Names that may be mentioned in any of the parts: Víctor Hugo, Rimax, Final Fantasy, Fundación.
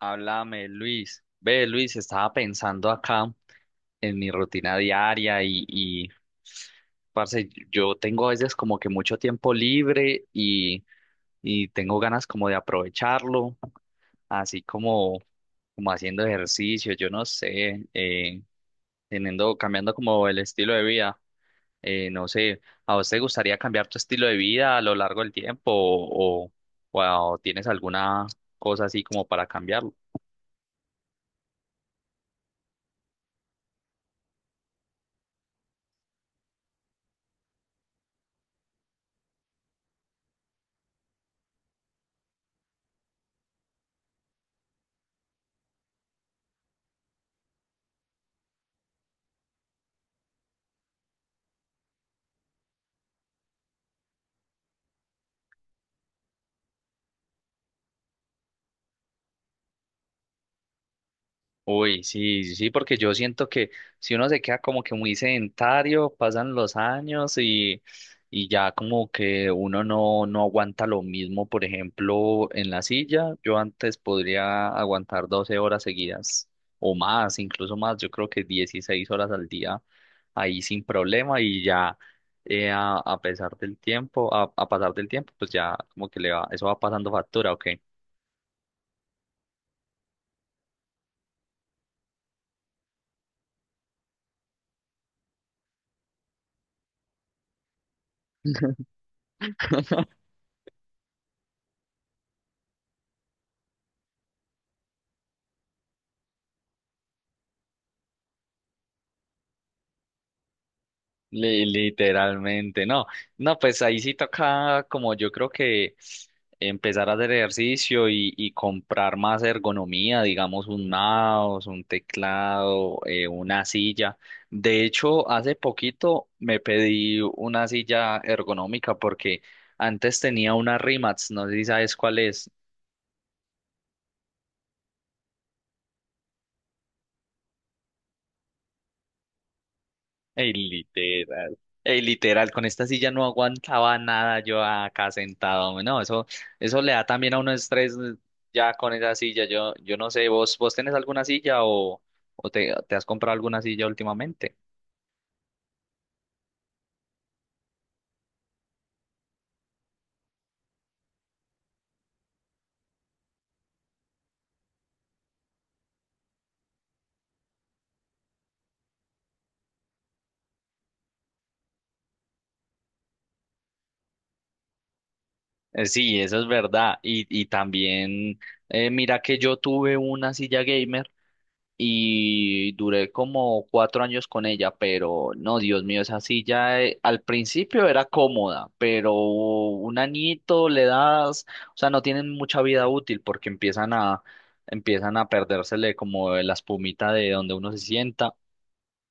Háblame, Luis. Ve, Luis, estaba pensando acá en mi rutina diaria y parce, yo tengo a veces como que mucho tiempo libre y tengo ganas como de aprovecharlo, así como haciendo ejercicio, yo no sé, teniendo, cambiando como el estilo de vida. No sé, ¿a vos te gustaría cambiar tu estilo de vida a lo largo del tiempo o tienes alguna cosa así como para cambiarlo? Uy, sí, sí, sí, porque yo siento que si uno se queda como que muy sedentario, pasan los años y ya como que uno no aguanta lo mismo, por ejemplo, en la silla, yo antes podría aguantar 12 horas seguidas o más, incluso más, yo creo que 16 horas al día ahí sin problema y ya a pesar del tiempo, a pasar del tiempo, pues ya como que le va, eso va pasando factura, ¿ok? Literalmente, no, no, pues ahí sí toca como yo creo que empezar a hacer ejercicio y comprar más ergonomía, digamos un mouse, un teclado, una silla. De hecho, hace poquito me pedí una silla ergonómica porque antes tenía una Rimax, no sé si sabes cuál es. Ey, literal. Ey, literal, con esta silla no aguantaba nada yo acá sentado, hombre. No, eso le da también a uno estrés ya con esa silla. Yo no sé, ¿vos tenés alguna silla o te has comprado alguna silla últimamente? Sí, eso es verdad. Y también, mira que yo tuve una silla gamer y duré como 4 años con ella, pero no, Dios mío, esa silla al principio era cómoda, pero un añito le das, o sea, no tienen mucha vida útil porque empiezan a perdérsele como la espumita de donde uno se sienta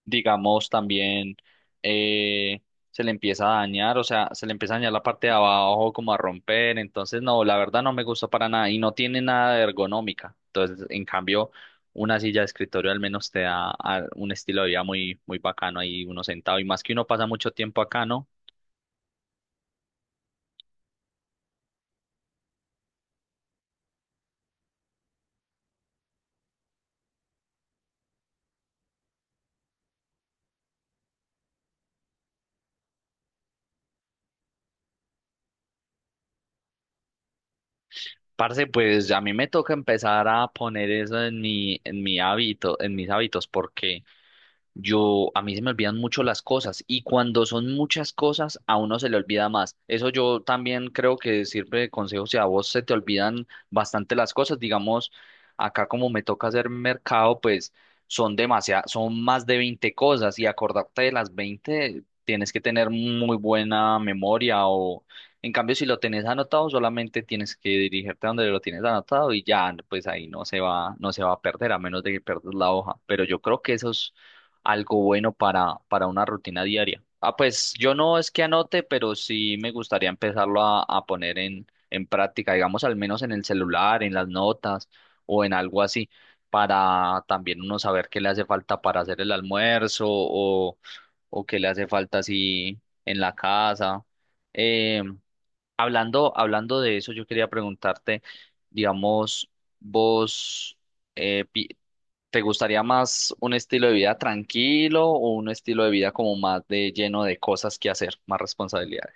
digamos, también eh, se le empieza a dañar, o sea, se le empieza a dañar la parte de abajo como a romper, entonces no, la verdad no me gusta para nada y no tiene nada de ergonómica, entonces en cambio una silla de escritorio al menos te da un estilo de vida muy, muy bacano ahí uno sentado y más que uno pasa mucho tiempo acá, ¿no? Parce, pues a mí me toca empezar a poner eso en mi hábito, en mis hábitos, porque a mí se me olvidan mucho las cosas y cuando son muchas cosas, a uno se le olvida más. Eso yo también creo que sirve de consejo si a vos se te olvidan bastante las cosas. Digamos, acá como me toca hacer mercado, pues son demasiadas, son más de 20 cosas y acordarte de las 20 tienes que tener muy buena memoria o en cambio si lo tenés anotado solamente tienes que dirigirte a donde lo tienes anotado y ya, pues ahí no se va, no se va a perder a menos de que pierdas la hoja. Pero yo creo que esos algo bueno para una rutina diaria. Ah, pues yo no es que anote, pero sí me gustaría empezarlo a poner en práctica, digamos, al menos en el celular, en las notas o en algo así, para también uno saber qué le hace falta para hacer el almuerzo o qué le hace falta así en la casa. Em, hablando de eso, yo quería preguntarte, digamos, vos, eh, pi- ¿te gustaría más un estilo de vida tranquilo o un estilo de vida como más de lleno de cosas que hacer, más responsabilidades?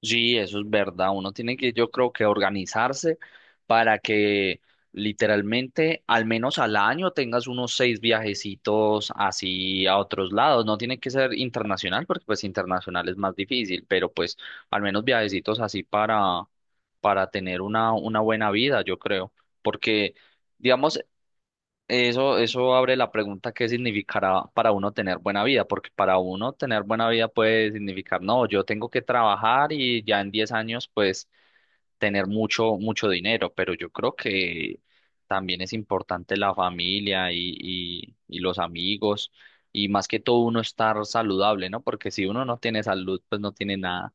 Sí, eso es verdad. Uno tiene que, yo creo que organizarse para que literalmente al menos al año tengas unos 6 viajecitos así a otros lados. No tiene que ser internacional porque pues internacional es más difícil, pero pues al menos viajecitos así para tener una buena vida, yo creo. Porque, digamos, eso abre la pregunta qué significará para uno tener buena vida, porque para uno tener buena vida puede significar, no, yo tengo que trabajar y ya en 10 años pues tener mucho, mucho dinero, pero yo creo que también es importante la familia y los amigos y más que todo uno estar saludable, ¿no? Porque si uno no tiene salud, pues no tiene nada.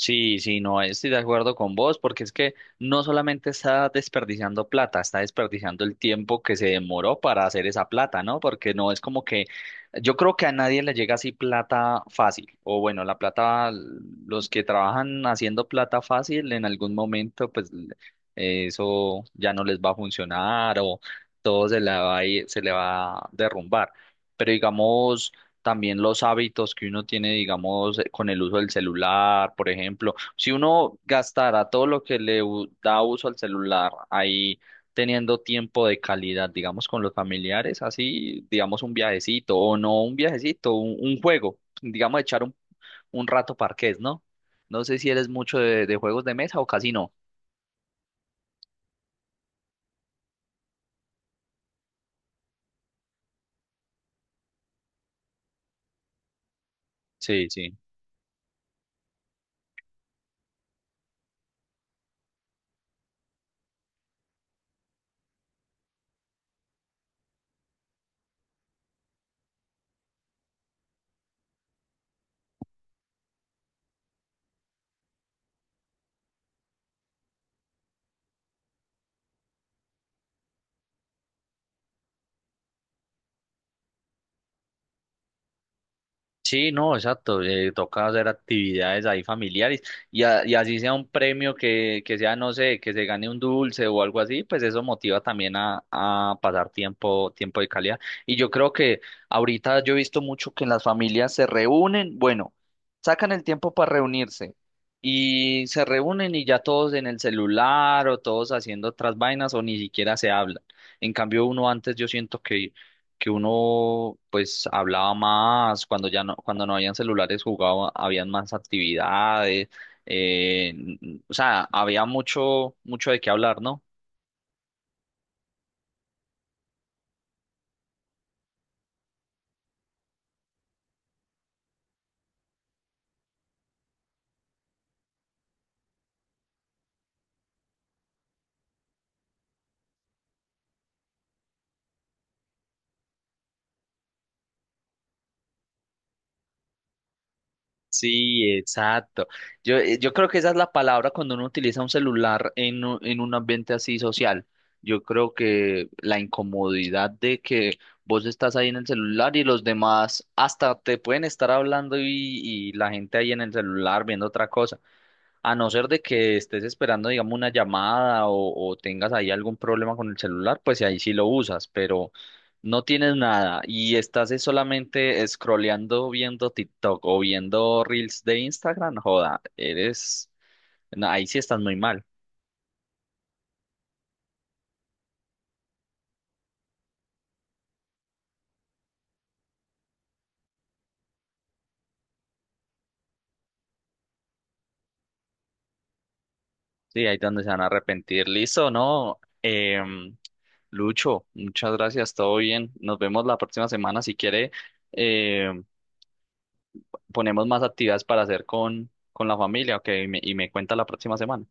Sí, sí, no estoy de acuerdo con vos, porque es que no solamente está desperdiciando plata, está desperdiciando el tiempo que se demoró para hacer esa plata, ¿no? Porque no es como que yo creo que a nadie le llega así plata fácil, o bueno, la plata, los que trabajan haciendo plata fácil en algún momento, pues l- eso ya no les va a funcionar o todo se le va a derrumbar. Pero digamos también los hábitos que uno tiene, digamos, con el uso del celular, por ejemplo. Si uno gastara todo lo que le da uso al celular ahí teniendo tiempo de calidad, digamos, con los familiares, así, digamos, un viajecito o no un viajecito, un juego, digamos, echar un rato parqués, ¿no? No sé si eres mucho de juegos de mesa o casi no. Sí, sí. Sí, no, exacto. Toca hacer actividades ahí familiares y así sea un premio que sea, no sé, que se gane un dulce o algo así, pues eso motiva también a pasar tiempo, tiempo de calidad. Y yo creo que ahorita yo he visto mucho que las familias se reúnen, bueno, sacan el tiempo para reunirse y se reúnen y ya todos en el celular o todos haciendo otras vainas o ni siquiera se hablan. En cambio, uno antes yo siento que uno pues hablaba más, cuando ya no, cuando no habían celulares jugaba, habían más actividades, o sea, había mucho, mucho de qué hablar, ¿no? Sí, exacto. Yo creo que esa es la palabra cuando uno utiliza un celular en un ambiente así social. Yo creo que la incomodidad de que vos estás ahí en el celular y los demás hasta te pueden estar hablando y la gente ahí en el celular viendo otra cosa. A no ser de que estés esperando, digamos, una llamada o tengas ahí algún problema con el celular, pues ahí sí lo usas, pero no tienes nada y estás es solamente scrolleando viendo TikTok o viendo Reels de Instagram, joda, eres, no, ahí sí estás muy mal. Sí, ahí es donde se van a arrepentir. Listo, ¿no? Em, Lucho, muchas gracias, todo bien. Nos vemos la próxima semana. Si quiere, em, ponemos más actividades para hacer con la familia, ok, y me cuenta la próxima semana.